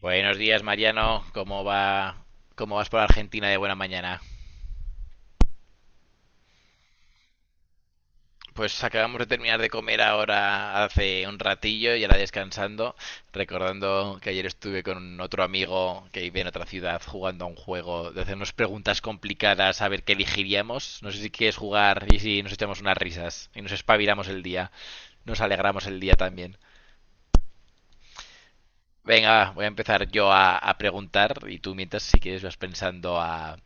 Buenos días, Mariano. ¿Cómo va? ¿Cómo vas por Argentina de buena mañana? Pues acabamos de terminar de comer ahora hace un ratillo y ahora descansando, recordando que ayer estuve con otro amigo que vive en otra ciudad jugando a un juego de hacernos preguntas complicadas a ver qué elegiríamos. No sé si quieres jugar y si nos echamos unas risas y nos espabilamos el día, nos alegramos el día también. Venga, va, voy a empezar yo a preguntar y tú mientras si quieres vas pensando a,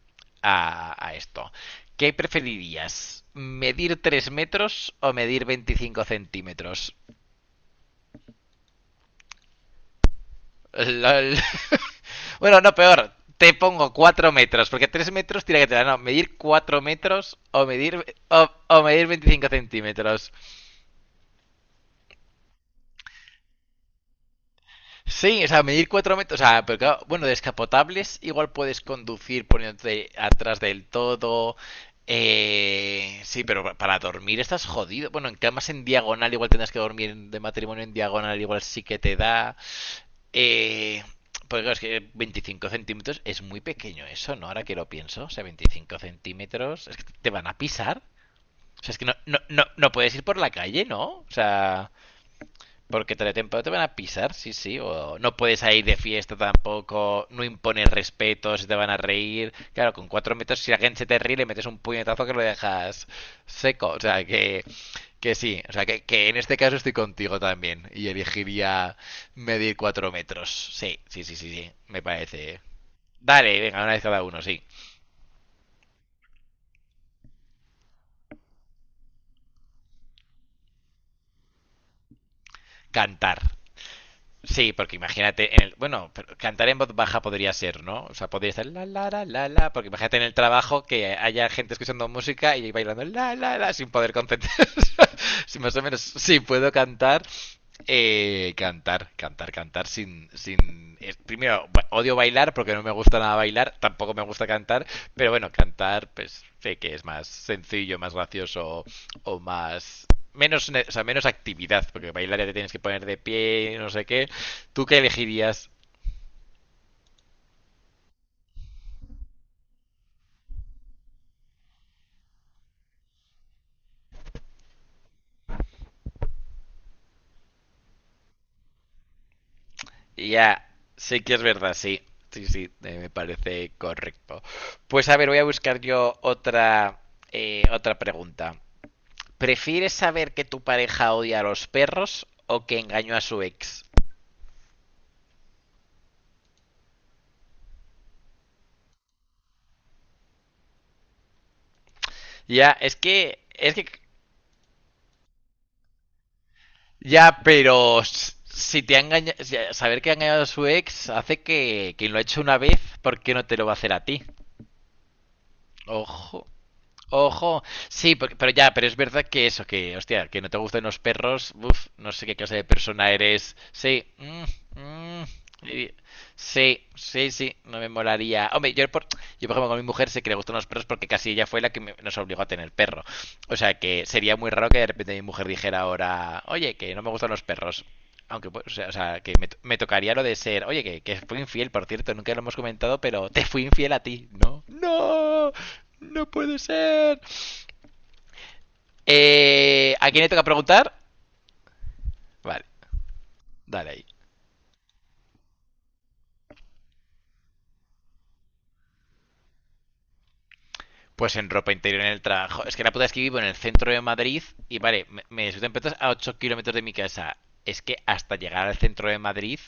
a, a esto. ¿Qué preferirías? ¿Medir 3 metros o medir 25 centímetros? Lol. Bueno, no, peor. Te pongo 4 metros, porque 3 metros tiene que tener. No, medir 4 metros o medir, o medir 25 centímetros. Sí, o sea, medir 4 metros, o sea, pero claro, bueno, descapotables igual puedes conducir poniéndote atrás del todo. Sí, pero para dormir estás jodido. Bueno, en camas en diagonal igual tendrás que dormir de matrimonio en diagonal, igual sí que te da. Eh, pues claro, es que 25 centímetros es muy pequeño eso, ¿no? Ahora que lo pienso, o sea, 25 centímetros, es que te van a pisar. O sea, es que no puedes ir por la calle, ¿no? O sea. Porque te van a pisar, sí, sí. O no puedes ir de fiesta tampoco, no impones respeto, se te van a reír. Claro, con 4 metros, si la gente se te ríe, le metes un puñetazo que lo dejas seco. O sea, que sí. O sea, que en este caso estoy contigo también. Y elegiría medir 4 metros. Sí, sí, sí, sí, sí. Me parece. Dale, venga, una vez cada uno, sí. Cantar. Sí, porque imagínate, en el, bueno, pero cantar en voz baja podría ser, ¿no? O sea, podría estar la la la la la, porque imagínate en el trabajo que haya gente escuchando música y bailando la la la sin poder concentrarse. Si más o menos, sí puedo cantar. Sin, sin, primero ba- Odio bailar porque no me gusta nada bailar, tampoco me gusta cantar, pero bueno, cantar, pues sé que es más sencillo, más gracioso o más menos, o sea, menos actividad, porque bailar ya te tienes que poner de pie, y no sé qué. ¿Tú qué elegirías? Ya, sé que es verdad, sí. Sí, sí, me parece correcto. Pues a ver, voy a buscar yo otra pregunta. ¿Prefieres saber que tu pareja odia a los perros o que engañó a su ex? Ya, ya, pero si te ha engañado, saber que ha engañado a su ex hace que quien lo ha hecho una vez, ¿por qué no te lo va a hacer a ti? Ojo, ojo. Sí, pero ya, pero es verdad que eso, que, hostia, que no te gustan los perros, uf, no sé qué clase de persona eres. Sí, mm, y- sí, sí, sí, no me molaría. Hombre, yo por ejemplo con mi mujer sé que le gustan los perros porque casi ella fue la que nos obligó a tener perro. O sea que sería muy raro que de repente mi mujer dijera ahora, oye, que no me gustan los perros. Aunque, pues, que me tocaría lo de ser, oye, que fui infiel, por cierto, nunca lo hemos comentado, pero te fui infiel a ti, ¿no? ¡No! ¡No puede ser! ¿A quién le toca preguntar? Vale, dale ahí. Pues en ropa interior en el trabajo. Es que la puta es que vivo en el centro de Madrid y vale, me surten petas a 8 kilómetros de mi casa. Es que hasta llegar al centro de Madrid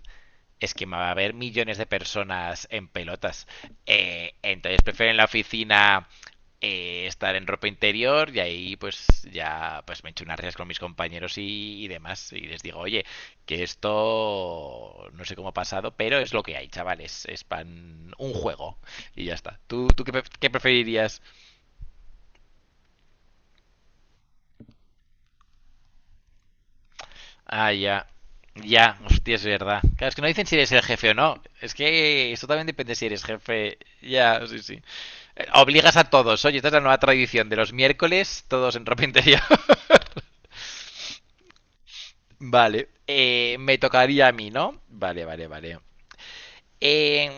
es que va a haber millones de personas en pelotas. Entonces prefieren la oficina, estar en ropa interior y ahí pues ya pues me echo unas risas con mis compañeros y demás y les digo, oye, que esto no sé cómo ha pasado, pero es lo que hay, chavales, es pan un juego y ya está. ¿Tú qué, qué preferirías? Ah, ya. Ya, hostia, es verdad. Claro, es que no dicen si eres el jefe o no. Es que esto también depende si eres jefe. Ya, sí, sí. Obligas a todos. Oye, esta es la nueva tradición de los miércoles, todos en ropa interior. Vale. Me tocaría a mí, ¿no? Vale, vale, vale. Eh,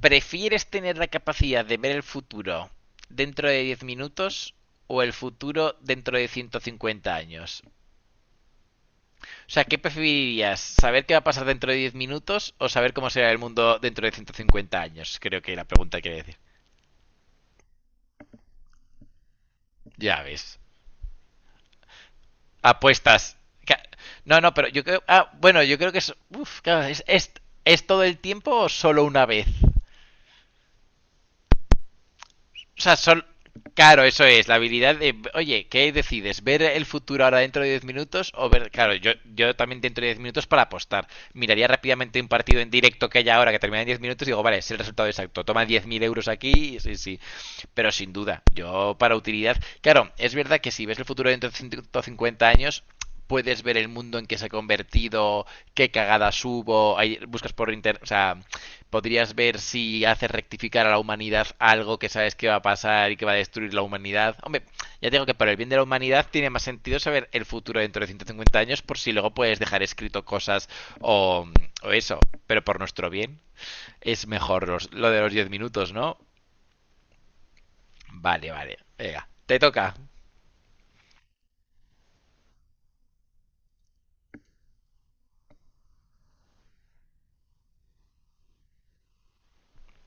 ¿Prefieres tener la capacidad de ver el futuro dentro de 10 minutos o el futuro dentro de 150 años? O sea, ¿qué preferirías? ¿Saber qué va a pasar dentro de 10 minutos o saber cómo será el mundo dentro de 150 años? Creo que la pregunta quiere decir. Ya ves. Apuestas. No, no, pero yo creo. Ah, bueno, yo creo que es. Uf, claro, ¿es todo el tiempo o solo una vez? O sea, son. Claro, eso es, la habilidad de. Oye, ¿qué decides? ¿Ver el futuro ahora dentro de 10 minutos? O ver. Claro, yo también dentro de 10 minutos para apostar. Miraría rápidamente un partido en directo que haya ahora que termina en 10 minutos y digo, vale, es el resultado exacto. Toma 10.000 euros aquí, sí, sí. Pero sin duda, yo para utilidad. Claro, es verdad que si ves el futuro dentro de 150 años, puedes ver el mundo en que se ha convertido, qué cagadas hubo, ahí buscas por internet, o sea, podrías ver si hace rectificar a la humanidad algo que sabes que va a pasar y que va a destruir la humanidad. Hombre, ya digo que para el bien de la humanidad tiene más sentido saber el futuro dentro de 150 años por si luego puedes dejar escrito cosas o, o eso. Pero por nuestro bien es mejor lo de los 10 minutos, ¿no? Vale, vale. Venga, te toca.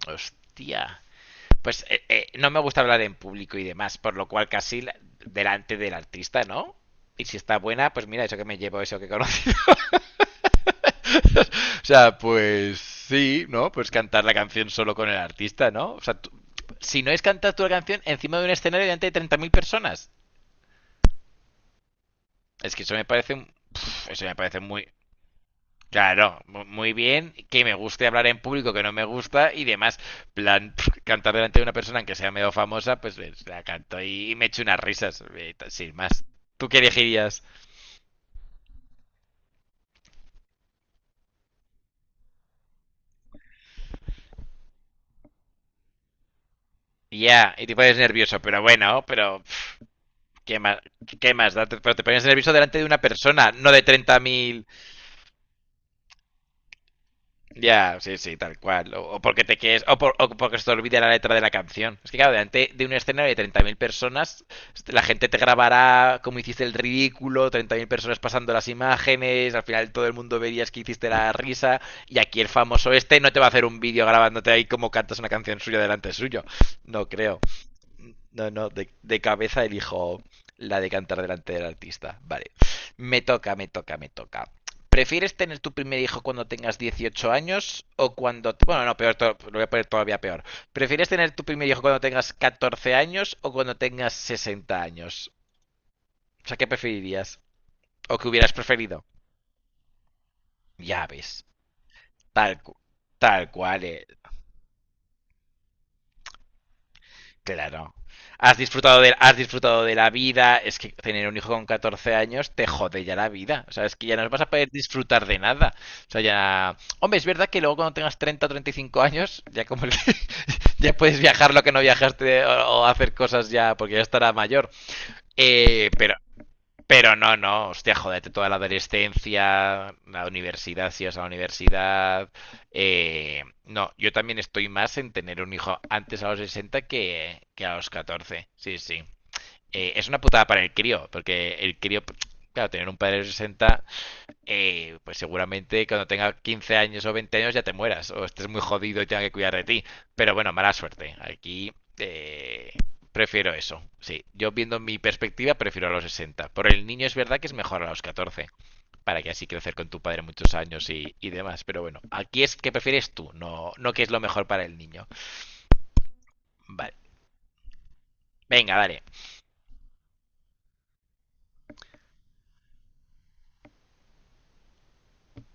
Hostia. Pues no me gusta hablar en público y demás, por lo cual casi delante del artista, ¿no? Y si está buena, pues mira, eso que me llevo, eso que conozco. O sea, pues sí, ¿no? Pues cantar la canción solo con el artista, ¿no? O sea, si no es cantar tu canción encima de un escenario delante de 30.000 personas. Es que eso me parece eso me parece muy claro, muy bien que me guste hablar en público que no me gusta y demás, plan cantar delante de una persona que sea medio famosa, pues la canto y me echo unas risas, sin más. ¿Tú qué elegirías? Ya, y te pones nervioso, pero bueno, ¿qué más? ¿Qué más? Pero te pones nervioso delante de una persona, no de 30.000. Ya, sí, sí, tal cual. O porque te quedes, o porque se te olvide la letra de la canción. Es que claro, delante de un escenario de 30.000 personas, la gente te grabará como hiciste el ridículo, 30.000 personas pasando las imágenes, al final todo el mundo verías que hiciste la risa, y aquí el famoso este no te va a hacer un vídeo grabándote ahí como cantas una canción suya delante suyo. No creo. No, no, de cabeza elijo la de cantar delante del artista. Vale. Me toca, me toca, me toca. ¿Prefieres tener tu primer hijo cuando tengas 18 años o cuando? Bueno, no, peor, lo voy a poner todavía peor. ¿Prefieres tener tu primer hijo cuando tengas 14 años o cuando tengas 60 años? O sea, ¿qué preferirías? ¿O qué hubieras preferido? Ya ves. Tal, tal cual, Claro. Has disfrutado de la vida. Es que tener un hijo con 14 años te jode ya la vida. O sea, es que ya no vas a poder disfrutar de nada. O sea, ya. Hombre, es verdad que luego cuando tengas 30 o 35 años, ya como ya puedes viajar lo que no viajaste o hacer cosas ya, porque ya estará mayor. Eh, pero pero no, no, hostia, jodete toda la adolescencia, la universidad, si vas a la universidad. No, yo también estoy más en tener un hijo antes a los 60 que a los 14. Sí, sí. Es una putada para el crío, porque el crío, claro, tener un padre de 60, pues seguramente cuando tenga 15 años o 20 años ya te mueras o estés muy jodido y tenga que cuidar de ti. Pero bueno, mala suerte. Aquí eh, prefiero eso. Sí, yo viendo mi perspectiva prefiero a los 60. Por el niño es verdad que es mejor a los 14, para que así crecer con tu padre muchos años y demás. Pero bueno, aquí es que prefieres tú, no que es lo mejor para el niño. Vale, venga, dale.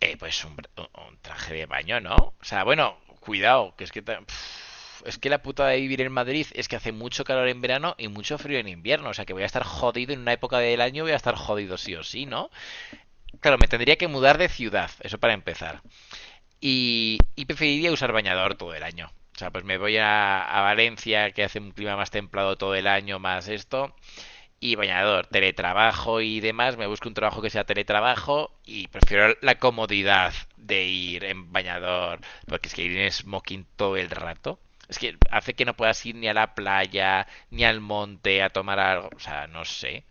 Pues un traje de baño, ¿no? O sea, bueno, cuidado, que es que es que la puta de vivir en Madrid es que hace mucho calor en verano y mucho frío en invierno. O sea, que voy a estar jodido en una época del año, voy a estar jodido sí o sí, ¿no? Claro, me tendría que mudar de ciudad, eso para empezar. Y preferiría usar bañador todo el año. O sea, pues me voy a Valencia, que hace un clima más templado todo el año, más esto y bañador, teletrabajo y demás, me busco un trabajo que sea teletrabajo y prefiero la comodidad de ir en bañador, porque es que ir en smoking todo el rato, es que hace que no puedas ir ni a la playa, ni al monte a tomar algo, o sea, no sé.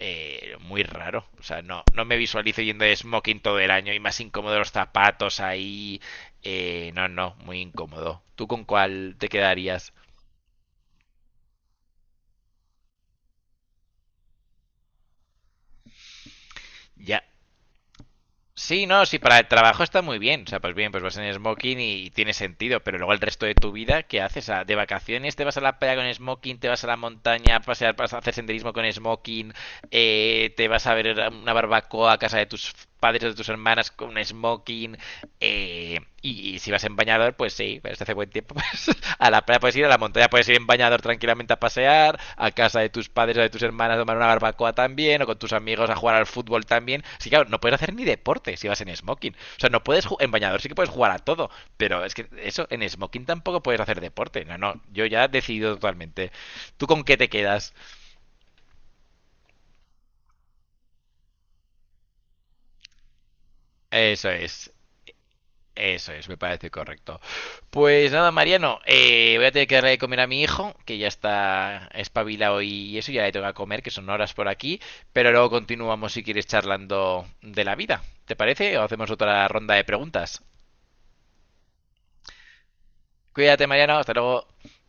Muy raro, o sea, no me visualizo yendo de smoking todo el año y más incómodo los zapatos ahí. No, no, muy incómodo. ¿Tú con cuál te quedarías? Ya, sí, no, sí, para el trabajo está muy bien. O sea, pues bien, pues vas en smoking y tiene sentido, pero luego el resto de tu vida, ¿qué haces? O sea, de vacaciones te vas a la playa con smoking, te vas a la montaña a pasear, vas a hacer senderismo con smoking, te vas a ver una barbacoa a casa de tus padres o de tus hermanas con un smoking, si vas en bañador, pues sí, pero si hace buen tiempo. Pues, a la playa puedes ir, a la montaña puedes ir en bañador tranquilamente a pasear, a casa de tus padres o de tus hermanas a tomar una barbacoa también, o con tus amigos a jugar al fútbol también. Sí, claro, no puedes hacer ni deporte si vas en smoking. O sea, no puedes en bañador, sí que puedes jugar a todo, pero es que eso, en smoking tampoco puedes hacer deporte. No, no, yo ya he decidido totalmente. ¿Tú con qué te quedas? Eso es. Eso es, me parece correcto. Pues nada, Mariano, voy a tener que darle de comer a mi hijo, que ya está espabilado y eso, ya le tengo que comer, que son horas por aquí, pero luego continuamos si quieres charlando de la vida. ¿Te parece? O hacemos otra ronda de preguntas. Cuídate, Mariano, hasta luego.